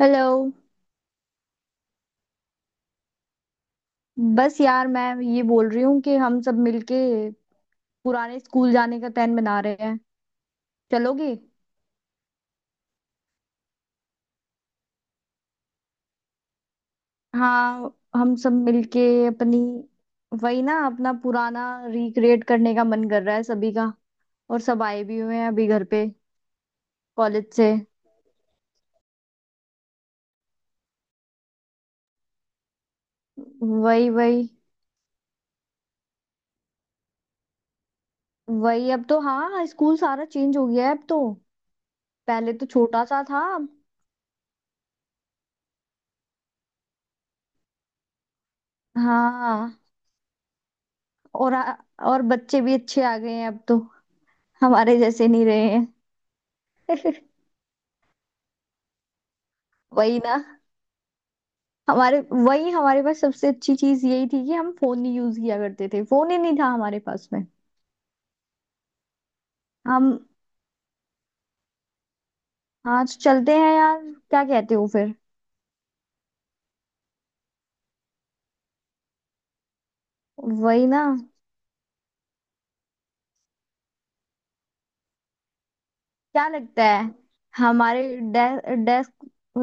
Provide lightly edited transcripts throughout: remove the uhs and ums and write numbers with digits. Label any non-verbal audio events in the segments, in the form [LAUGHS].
Hello. बस यार मैं ये बोल रही हूँ कि हम सब मिलके पुराने स्कूल जाने का प्लान बना रहे हैं। चलोगे? हाँ, हम सब मिलके अपनी, वही ना, अपना पुराना रिक्रिएट करने का मन कर रहा है सभी का। और सब आए भी हुए हैं अभी घर पे, कॉलेज से। वही, वही, वही। अब तो हाँ, स्कूल सारा चेंज हो गया है अब तो। पहले तो छोटा सा था अब। हाँ। और और बच्चे भी अच्छे आ गए हैं अब तो, हमारे जैसे नहीं रहे हैं। [LAUGHS] वही ना। हमारे वही, हमारे पास सबसे अच्छी चीज यही थी कि हम फोन नहीं यूज किया करते थे, फोन ही नहीं था हमारे पास में। हम आज चलते हैं यार। क्या कहते हो फिर? वही ना। क्या लगता है, हमारे डेस्क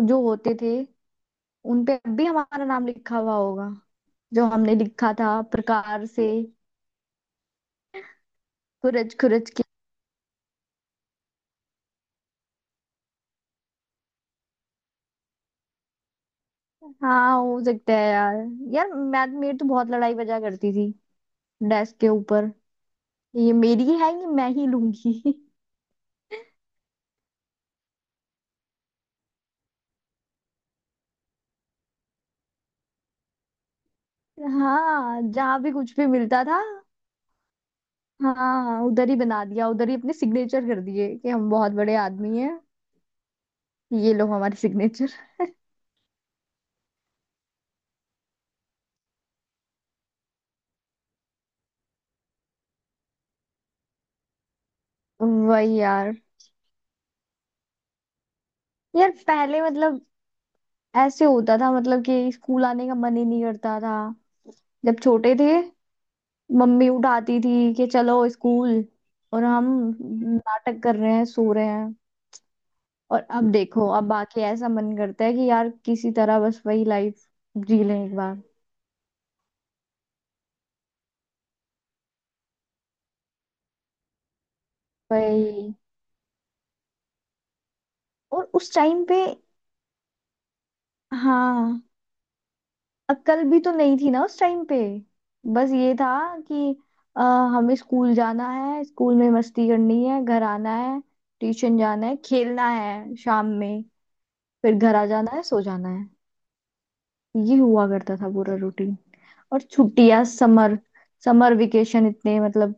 जो होते थे उन पे अब भी हमारा नाम लिखा हुआ होगा, जो हमने लिखा था प्रकार से, खुरच खुरच के। हाँ, हो सकता है यार। यार मैं मेरी तो बहुत लड़ाई बजा करती थी डेस्क के ऊपर। ये मेरी है, ये मैं ही लूंगी। हाँ, जहाँ भी कुछ भी मिलता था, हाँ, उधर ही बना दिया, उधर ही अपने सिग्नेचर कर दिए कि हम बहुत बड़े आदमी हैं। ये लो हमारे सिग्नेचर। वही यार। यार, पहले मतलब ऐसे होता था, मतलब कि स्कूल आने का मन ही नहीं करता था जब छोटे थे। मम्मी उठाती थी कि चलो स्कूल, और हम नाटक कर रहे हैं, सो रहे हैं। और अब देखो, अब आके ऐसा मन करता है कि यार किसी तरह बस वही लाइफ जी लें एक बार। वही। और उस टाइम पे, हाँ, अक्ल भी तो नहीं थी ना उस टाइम पे। बस ये था कि अ, हमें स्कूल जाना है, स्कूल में मस्ती करनी है, घर आना है, ट्यूशन जाना है, खेलना है शाम में, फिर घर आ जाना है, सो जाना है। ये हुआ करता था पूरा रूटीन। और छुट्टियां, समर समर वेकेशन इतने मतलब,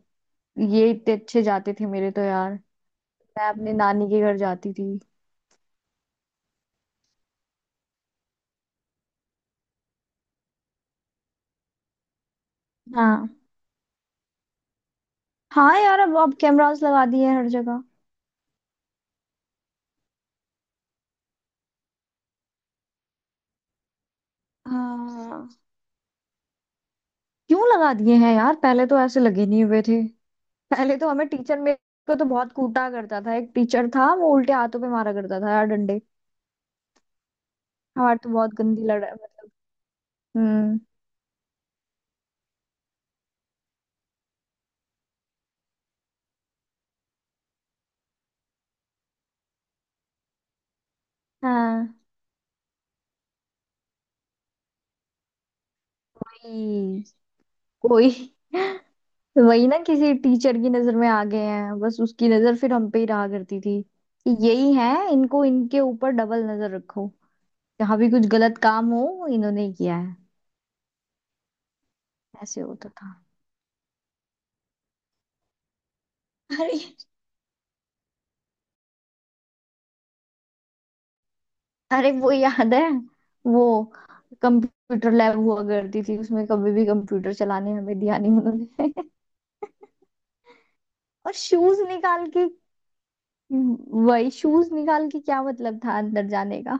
ये इतने अच्छे जाते थे मेरे तो यार। मैं अपने नानी के घर जाती थी। हाँ हाँ। यार अब कैमरास लगा दिए हैं हर जगह। हाँ। क्यों लगा दिए हैं यार, पहले तो ऐसे लगे नहीं हुए थे। पहले तो हमें टीचर मेरे को तो बहुत कूटा करता था। एक टीचर था, वो उल्टे हाथों पे मारा करता था यार डंडे। हमारे तो बहुत गंदी लड़ा मतलब। हम्म। हाँ वही, कोई। [LAUGHS] वही ना, किसी टीचर की नजर में आ गए हैं, बस उसकी नजर फिर हम पे ही रहा करती थी कि यही है। इनको इनके ऊपर डबल नजर रखो, जहाँ भी कुछ गलत काम हो इन्होंने ही किया है। ऐसे होता था। [LAUGHS] अरे वो याद है? वो कंप्यूटर लैब हुआ करती थी, उसमें कभी भी कंप्यूटर चलाने हमें दिया नहीं उन्होंने। [LAUGHS] और शूज निकाल के, वही शूज निकाल के क्या मतलब था अंदर जाने का?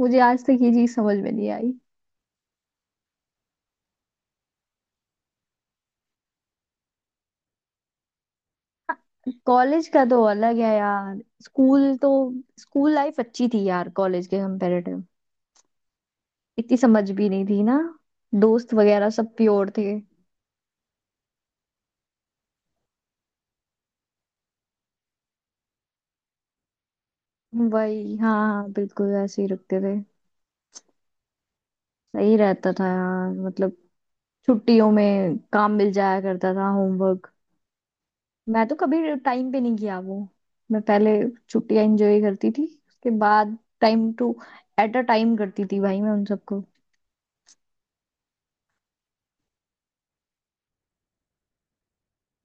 मुझे आज तक ये चीज समझ में नहीं आई। कॉलेज का तो अलग है यार। स्कूल तो स्कूल लाइफ अच्छी थी यार, कॉलेज के कंपैरेटिव। इतनी समझ भी नहीं थी ना। दोस्त वगैरह सब प्योर थे। वही, हाँ हाँ, बिल्कुल ऐसे ही रखते थे। सही रहता था यार, मतलब छुट्टियों में काम मिल जाया करता था, होमवर्क। मैं तो कभी टाइम पे नहीं किया वो। मैं पहले छुट्टियां एंजॉय करती थी, उसके बाद time two at a time करती थी भाई मैं उन सबको।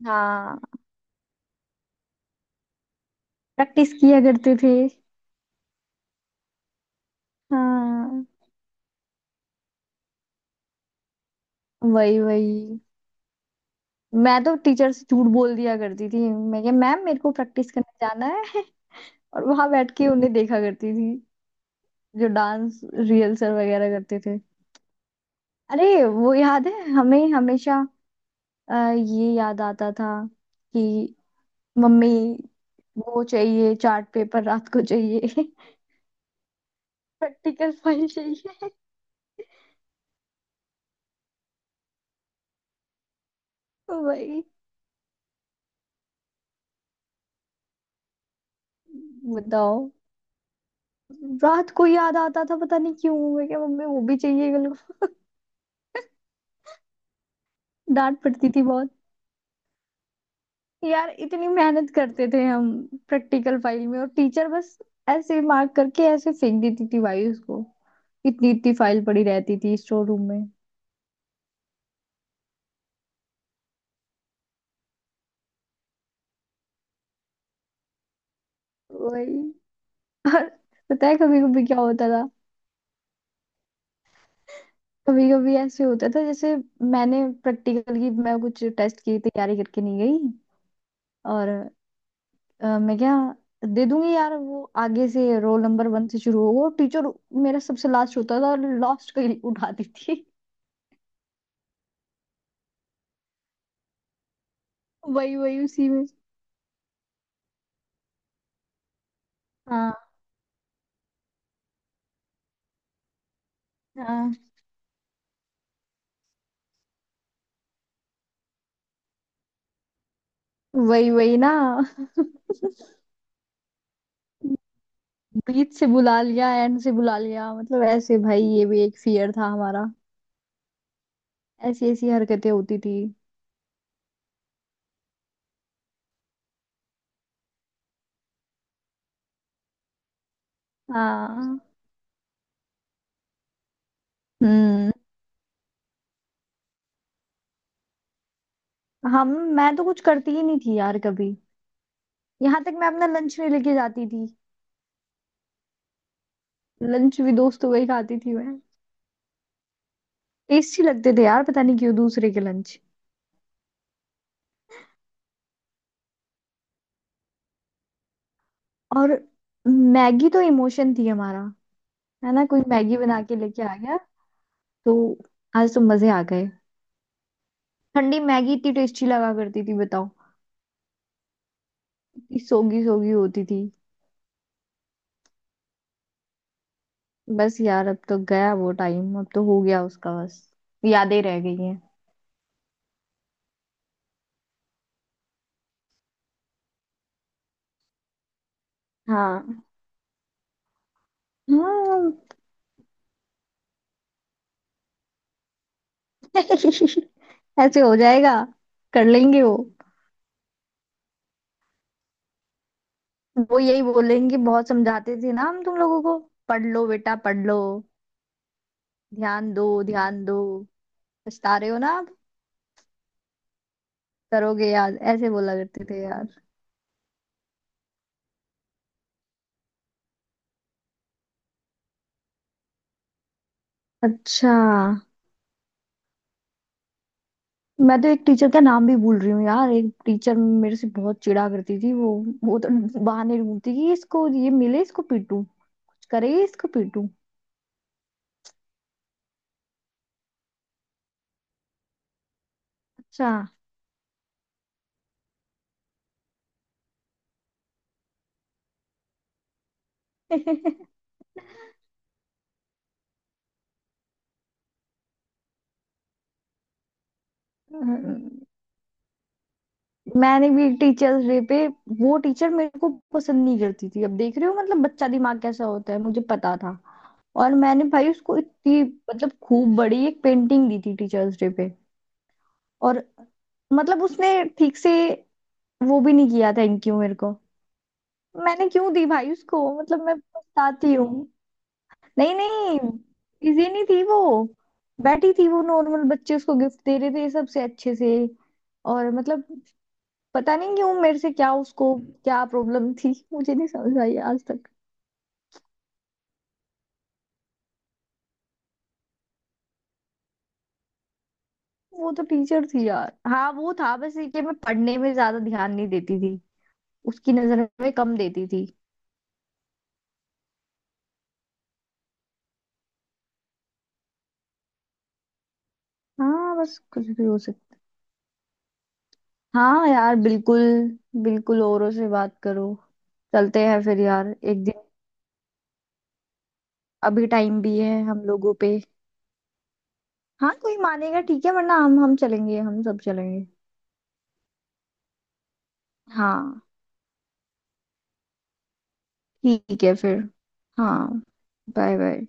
हाँ, प्रैक्टिस किया करते थे। हाँ वही वही। मैं तो टीचर से झूठ बोल दिया करती थी, मैं क्या मैम मेरे को प्रैक्टिस करने जाना है। [LAUGHS] और वहां बैठ के उन्हें देखा करती थी जो डांस रिहर्सल वगैरह करते थे। अरे वो याद है हमें हमेशा। ये याद आता था कि मम्मी वो चाहिए, चार्ट पेपर रात को चाहिए। [LAUGHS] प्रैक्टिकल फाइल चाहिए। [LAUGHS] भाई बताओ, रात को याद आता था पता नहीं क्यों, मैं क्या मम्मी वो भी चाहिए मेरे को। डांट पड़ती थी बहुत। यार इतनी मेहनत करते थे हम प्रैक्टिकल फाइल में, और टीचर बस ऐसे मार्क करके ऐसे फेंक देती थी भाई उसको। इतनी इतनी फाइल पड़ी रहती थी स्टोर रूम में। वही। और पता है कभी कभी क्या होता था? कभी कभी ऐसे होता था जैसे, मैंने प्रैक्टिकल की, मैं कुछ टेस्ट की तैयारी करके नहीं गई। और मैं क्या दे दूंगी यार, वो आगे से रोल नंबर 1 से शुरू होगा टीचर, मेरा सबसे लास्ट होता था और लास्ट का ही उठाती थी। वही वही उसी में। हाँ हाँ। वही वही ना, बीच से बुला लिया, एंड से बुला लिया, मतलब ऐसे भाई ये भी एक फियर था हमारा। ऐसी ऐसी हरकतें होती थी। हाँ। हम्म। हम मैं तो कुछ करती ही नहीं थी यार कभी। यहाँ तक मैं अपना लंच नहीं लेके जाती थी। लंच भी दोस्तों का ही खाती थी मैं। टेस्टी लगते थे यार, पता नहीं क्यों दूसरे के लंच। और मैगी तो इमोशन थी हमारा। है ना? कोई मैगी बना के लेके आ गया तो आज तो मजे आ गए। ठंडी मैगी इतनी टेस्टी लगा करती थी बताओ। इतनी सोगी सोगी होती थी। बस यार अब तो गया वो टाइम, अब तो हो गया उसका बस, यादें रह गई हैं। हाँ हाँ। [LAUGHS] ऐसे हो जाएगा, कर लेंगे वो। वो यही बोलेंगे, बहुत समझाते थे ना हम तुम लोगों को, पढ़ लो बेटा पढ़ लो, ध्यान दो ध्यान दो, पछता रहे हो ना आप, करोगे याद, ऐसे बोला करते थे यार। अच्छा। मैं तो एक टीचर का नाम भी भूल रही हूँ यार। एक टीचर मेरे से बहुत चिढ़ा करती थी वो। वो तो बहाने ढूंढती कि इसको ये मिले इसको पीटूं, कुछ करे इसको पीटूं। अच्छा। [LAUGHS] मैंने भी टीचर्स डे पे, वो टीचर मेरे को पसंद नहीं करती थी, अब देख रहे हो मतलब बच्चा दिमाग कैसा होता है, मुझे पता था। और मैंने भाई उसको इतनी, मतलब खूब बड़ी एक पेंटिंग दी थी टीचर्स डे पे। और मतलब उसने ठीक से वो भी नहीं किया, थैंक यू मेरे को। मैंने क्यों दी भाई उसको, मतलब मैं पछताती हूँ। नहीं नहीं, बिजी नहीं थी वो। बैठी थी वो, नॉर्मल बच्चे उसको गिफ्ट दे रहे थे सबसे अच्छे से। और मतलब पता नहीं क्यों मेरे से क्या उसको क्या प्रॉब्लम थी, मुझे नहीं समझ आई आज तक। वो तो टीचर थी यार। हाँ, वो था बस ये कि मैं पढ़ने में ज्यादा ध्यान नहीं देती थी, उसकी नजर में कम देती थी। हाँ, बस कुछ भी हो सकता। हाँ यार, बिल्कुल बिल्कुल, औरों से बात करो। चलते हैं फिर यार एक दिन। अभी टाइम भी है हम लोगों पे। हाँ, कोई मानेगा ठीक है, वरना हम चलेंगे, हम सब चलेंगे। हाँ, ठीक है फिर। हाँ। Bye bye.